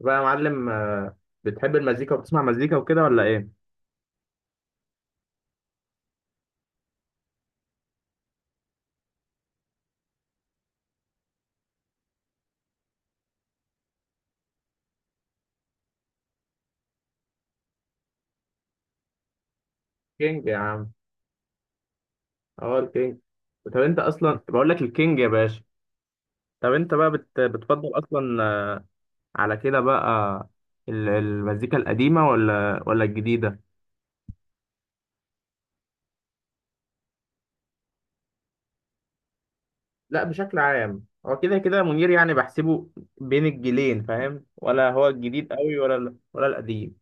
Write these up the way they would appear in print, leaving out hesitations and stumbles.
بقى يا معلم، بتحب المزيكا وبتسمع مزيكا وكده ولا ايه؟ كينج يا عم. اه، الكينج. طب انت اصلا بقول لك الكينج يا باشا. طب انت بقى بتفضل اصلا على كده بقى. المزيكا القديمة ولا الجديدة؟ لا، بشكل عام هو كده كده منير يعني بحسبه بين الجيلين، فاهم؟ ولا هو الجديد قوي، ولا القديم.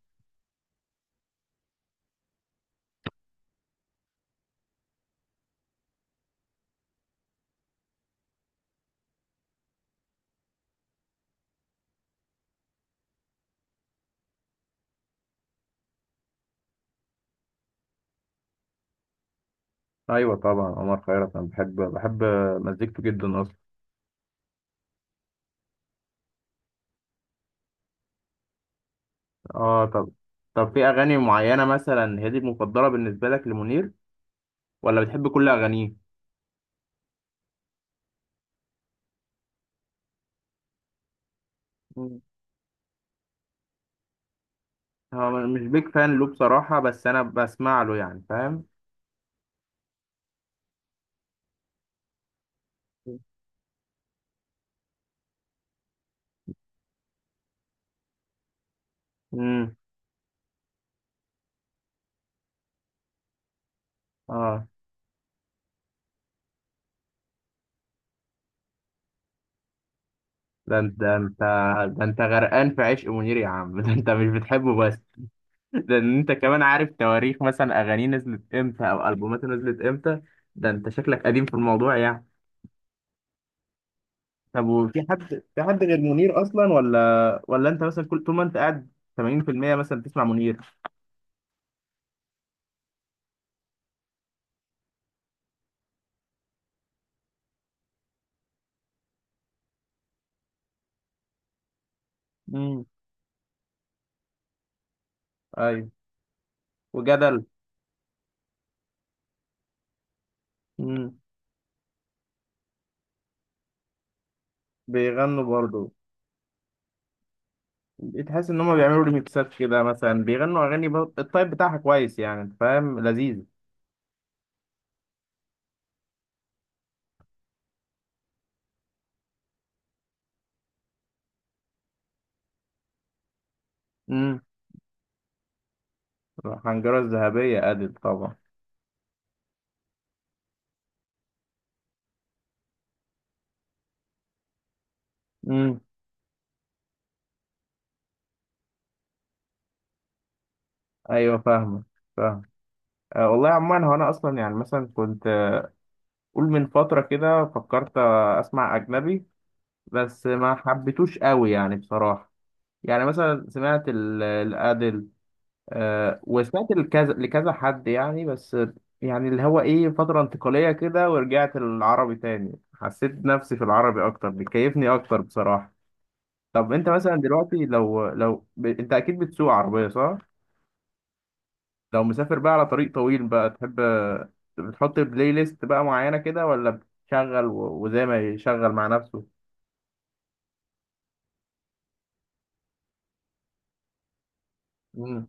ايوه طبعا، عمر خيرت انا بحب مزيكته جدا اصلا. اه، طب في اغاني معينة مثلا هي دي المفضلة بالنسبة لك لمنير؟ ولا بتحب كل اغانيه؟ مم. هو مش بيك فان له بصراحه، بس انا بسمع له يعني، فاهم. مم. امم. اه، ده انت ده انت ده انت غرقان في عشق منير يا عم ده انت مش بتحبه بس، ده انت كمان عارف تواريخ مثلا اغانيه نزلت امتى او البوماته نزلت امتى. ده انت شكلك قديم في الموضوع يعني. طب، وفي حد في حد غير منير اصلا، ولا انت مثلا كل طول ما انت قاعد 80% مثلا بتسمع منير؟ مم. ايوه، وجدل. امم. بيغنوا برضه. تحس ان هم بيعملوا ريميكسات كده، مثلا بيغنوا اغاني الطيب بتاعها كويس يعني، انت فاهم، لذيذ. امم. الحنجره الذهبيه ادل طبعا. امم. ايوه، فاهم. أه والله، عموما هو انا اصلا يعني مثلا كنت قول من فتره كده فكرت اسمع اجنبي. بس ما حبيتوش قوي يعني بصراحه. يعني مثلا سمعت الادل، وسمعت لكذا لكذا حد يعني بس، يعني اللي هو ايه فترة انتقالية كده، ورجعت للعربي تاني، حسيت نفسي في العربي اكتر، بيكيفني اكتر بصراحة. طب انت مثلا دلوقتي، انت اكيد بتسوق عربية صح؟ لو مسافر بقى على طريق طويل بقى، تحب بتحط بلاي ليست بقى معينة كده، ولا بتشغل وزي ما يشغل مع نفسه؟ مم.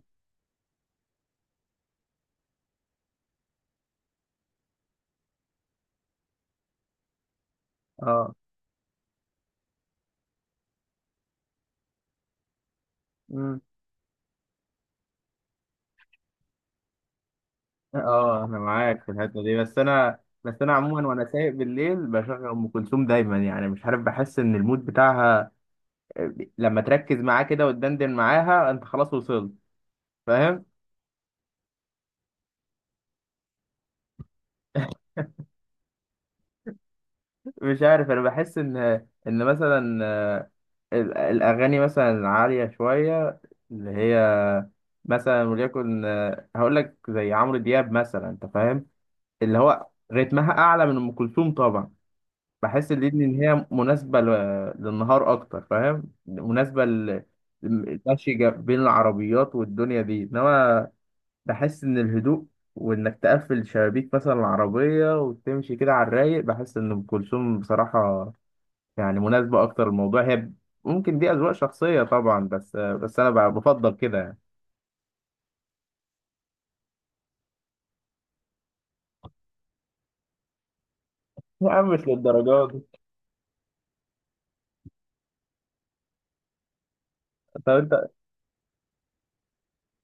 اه، اه، انا معاك في الحته دي، بس انا، بس انا عموما وانا سايق بالليل بشغل ام كلثوم دايما، يعني مش عارف، بحس ان المود بتاعها لما تركز معاه كده وتدندن معاها انت خلاص وصلت، فاهم. مش عارف، انا بحس ان مثلا الاغاني مثلا العاليه شويه، اللي هي مثلا وليكن هقول لك زي عمرو دياب مثلا، انت فاهم، اللي هو رتمها اعلى من ام كلثوم طبعا. بحس الليل ان هي مناسبه للنهار اكتر، فاهم، مناسبه المشي بين العربيات والدنيا دي. انما بحس ان الهدوء، وانك تقفل شبابيك مثلا العربيه وتمشي كده على الرايق، بحس ان ام كلثوم بصراحه يعني مناسبه اكتر الموضوع. هي ممكن دي اذواق شخصيه طبعا، بس انا بفضل كده يعني. يا عم، مش للدرجات دي. طب انت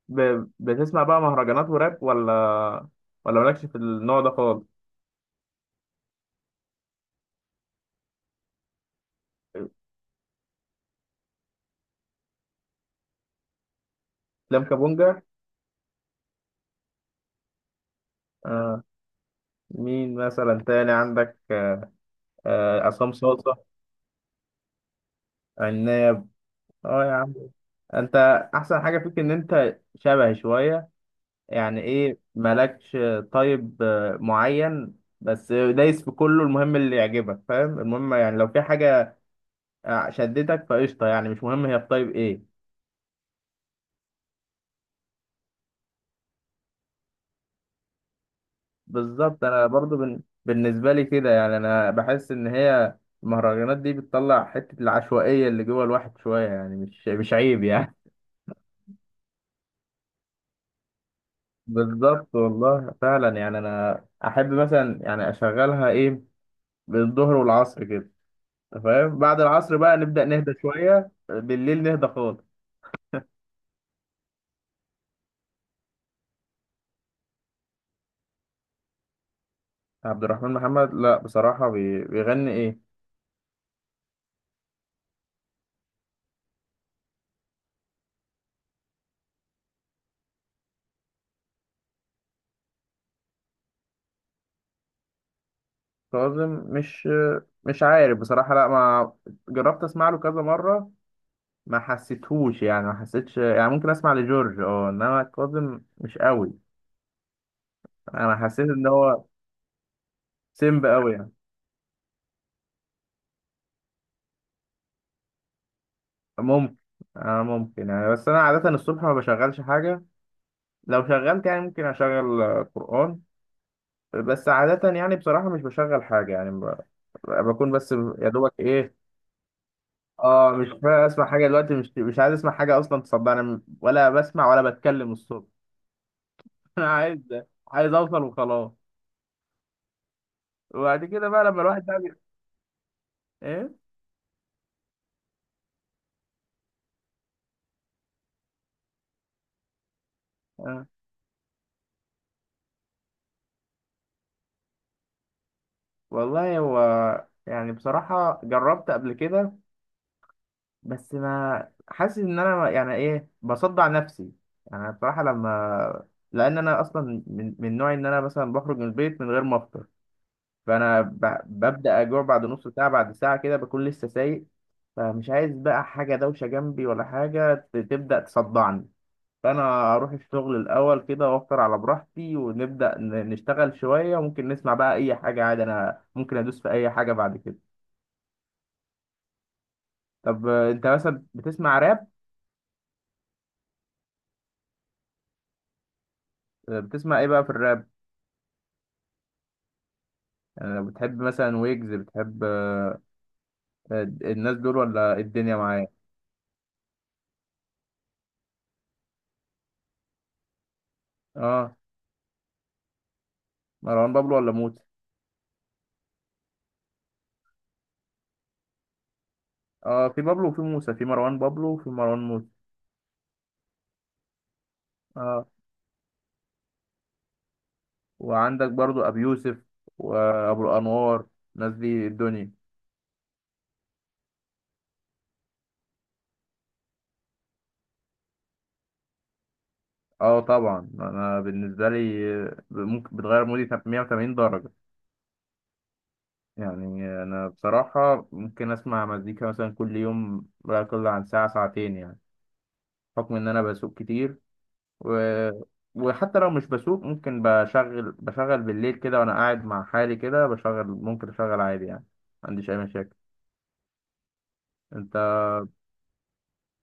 بتسمع بقى مهرجانات وراب، ولا مالكش في النوع ده خالص؟ لام كابونجا. مين مثلا تاني عندك؟ عصام صاصة. عناب. اه يا عم. انت احسن حاجة فيك ان انت شبهي شوية، يعني ايه مالكش طيب معين، بس دايس في كله، المهم اللي يعجبك، فاهم، المهم يعني لو في حاجة شدتك فقشطة، يعني مش مهم هي في طيب ايه. بالظبط، انا برضو بالنسبة لي كده، يعني انا بحس ان هي المهرجانات دي بتطلع حتة العشوائية اللي جوه الواحد شوية، يعني مش عيب يعني. بالظبط والله فعلا، يعني انا احب مثلا يعني اشغلها ايه بالظهر والعصر كده. أنت فاهم، بعد العصر بقى نبدا نهدى شويه، بالليل نهدى خالص. عبد الرحمن محمد؟ لا بصراحه، بيغني ايه؟ كاظم مش عارف بصراحه، لا ما جربت اسمع له كذا مره، ما حسيتهوش يعني، ما حسيتش يعني، ممكن اسمع لجورج، اه، انما كاظم مش قوي. انا حسيت ان هو سيمب قوي يعني. ممكن، ممكن يعني، بس انا عاده الصبح ما بشغلش حاجه، لو شغلت يعني ممكن اشغل قرآن. بس عادة يعني بصراحة مش بشغل حاجة، يعني بكون بس يا دوبك ايه. اه، مش فاهم اسمع حاجة دلوقتي، مش عايز اسمع حاجة اصلا تصدقني، ولا بسمع ولا بتكلم الصبح انا عايز اوصل وخلاص. وبعد كده بقى لما الواحد بقى ايه، آه. والله هو يعني بصراحة جربت قبل كده، بس ما حاسس ان انا يعني ايه بصدع نفسي، يعني بصراحه لما، لان انا اصلا من نوعي ان انا مثلا بخرج من البيت من غير ما افطر، فانا ببدا اجوع بعد نص ساعه، بعد ساعه كده بكون لسه سايق، فمش عايز بقى حاجه دوشه جنبي، ولا حاجه تبدا تصدعني، فانا اروح الشغل الاول كده وافطر على براحتي ونبدا نشتغل شويه، وممكن نسمع بقى اي حاجه عادي، انا ممكن ادوس في اي حاجه بعد كده. طب انت مثلا بتسمع راب؟ بتسمع ايه بقى في الراب؟ يعني بتحب مثلا ويجز، بتحب الناس دول ولا الدنيا معايا؟ اه، مروان بابلو ولا موسى. اه، في بابلو وفي موسى، في مروان بابلو وفي مروان موسى. اه، وعندك برضو ابي يوسف وابو الانوار، الناس دي الدنيا. اه طبعا، انا بالنسبه لي ممكن بتغير مودي 180 درجه. يعني انا بصراحه ممكن اسمع مزيكا مثلا كل يوم لا يقل عن ساعه ساعتين يعني، بحكم ان انا بسوق كتير، و... وحتى لو مش بسوق ممكن بشغل بالليل كده وانا قاعد مع حالي كده بشغل، ممكن اشغل عادي يعني. ما عنديش اي مشاكل. انت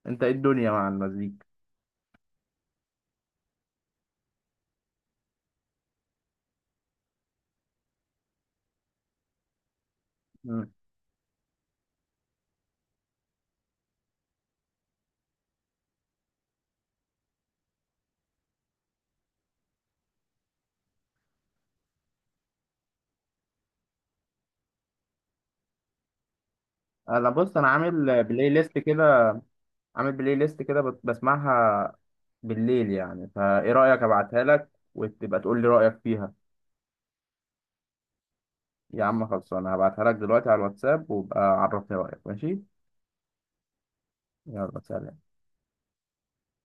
انت ايه الدنيا مع المزيكا؟ مم. انا بص، انا عامل بلاي ليست كده بسمعها بالليل يعني، فايه رأيك ابعتها لك وتبقى تقول لي رأيك فيها؟ يا عم خلصانه، هبعتها لك دلوقتي على الواتساب، وابقى عرفني رأيك، ماشي. يلا، سلام.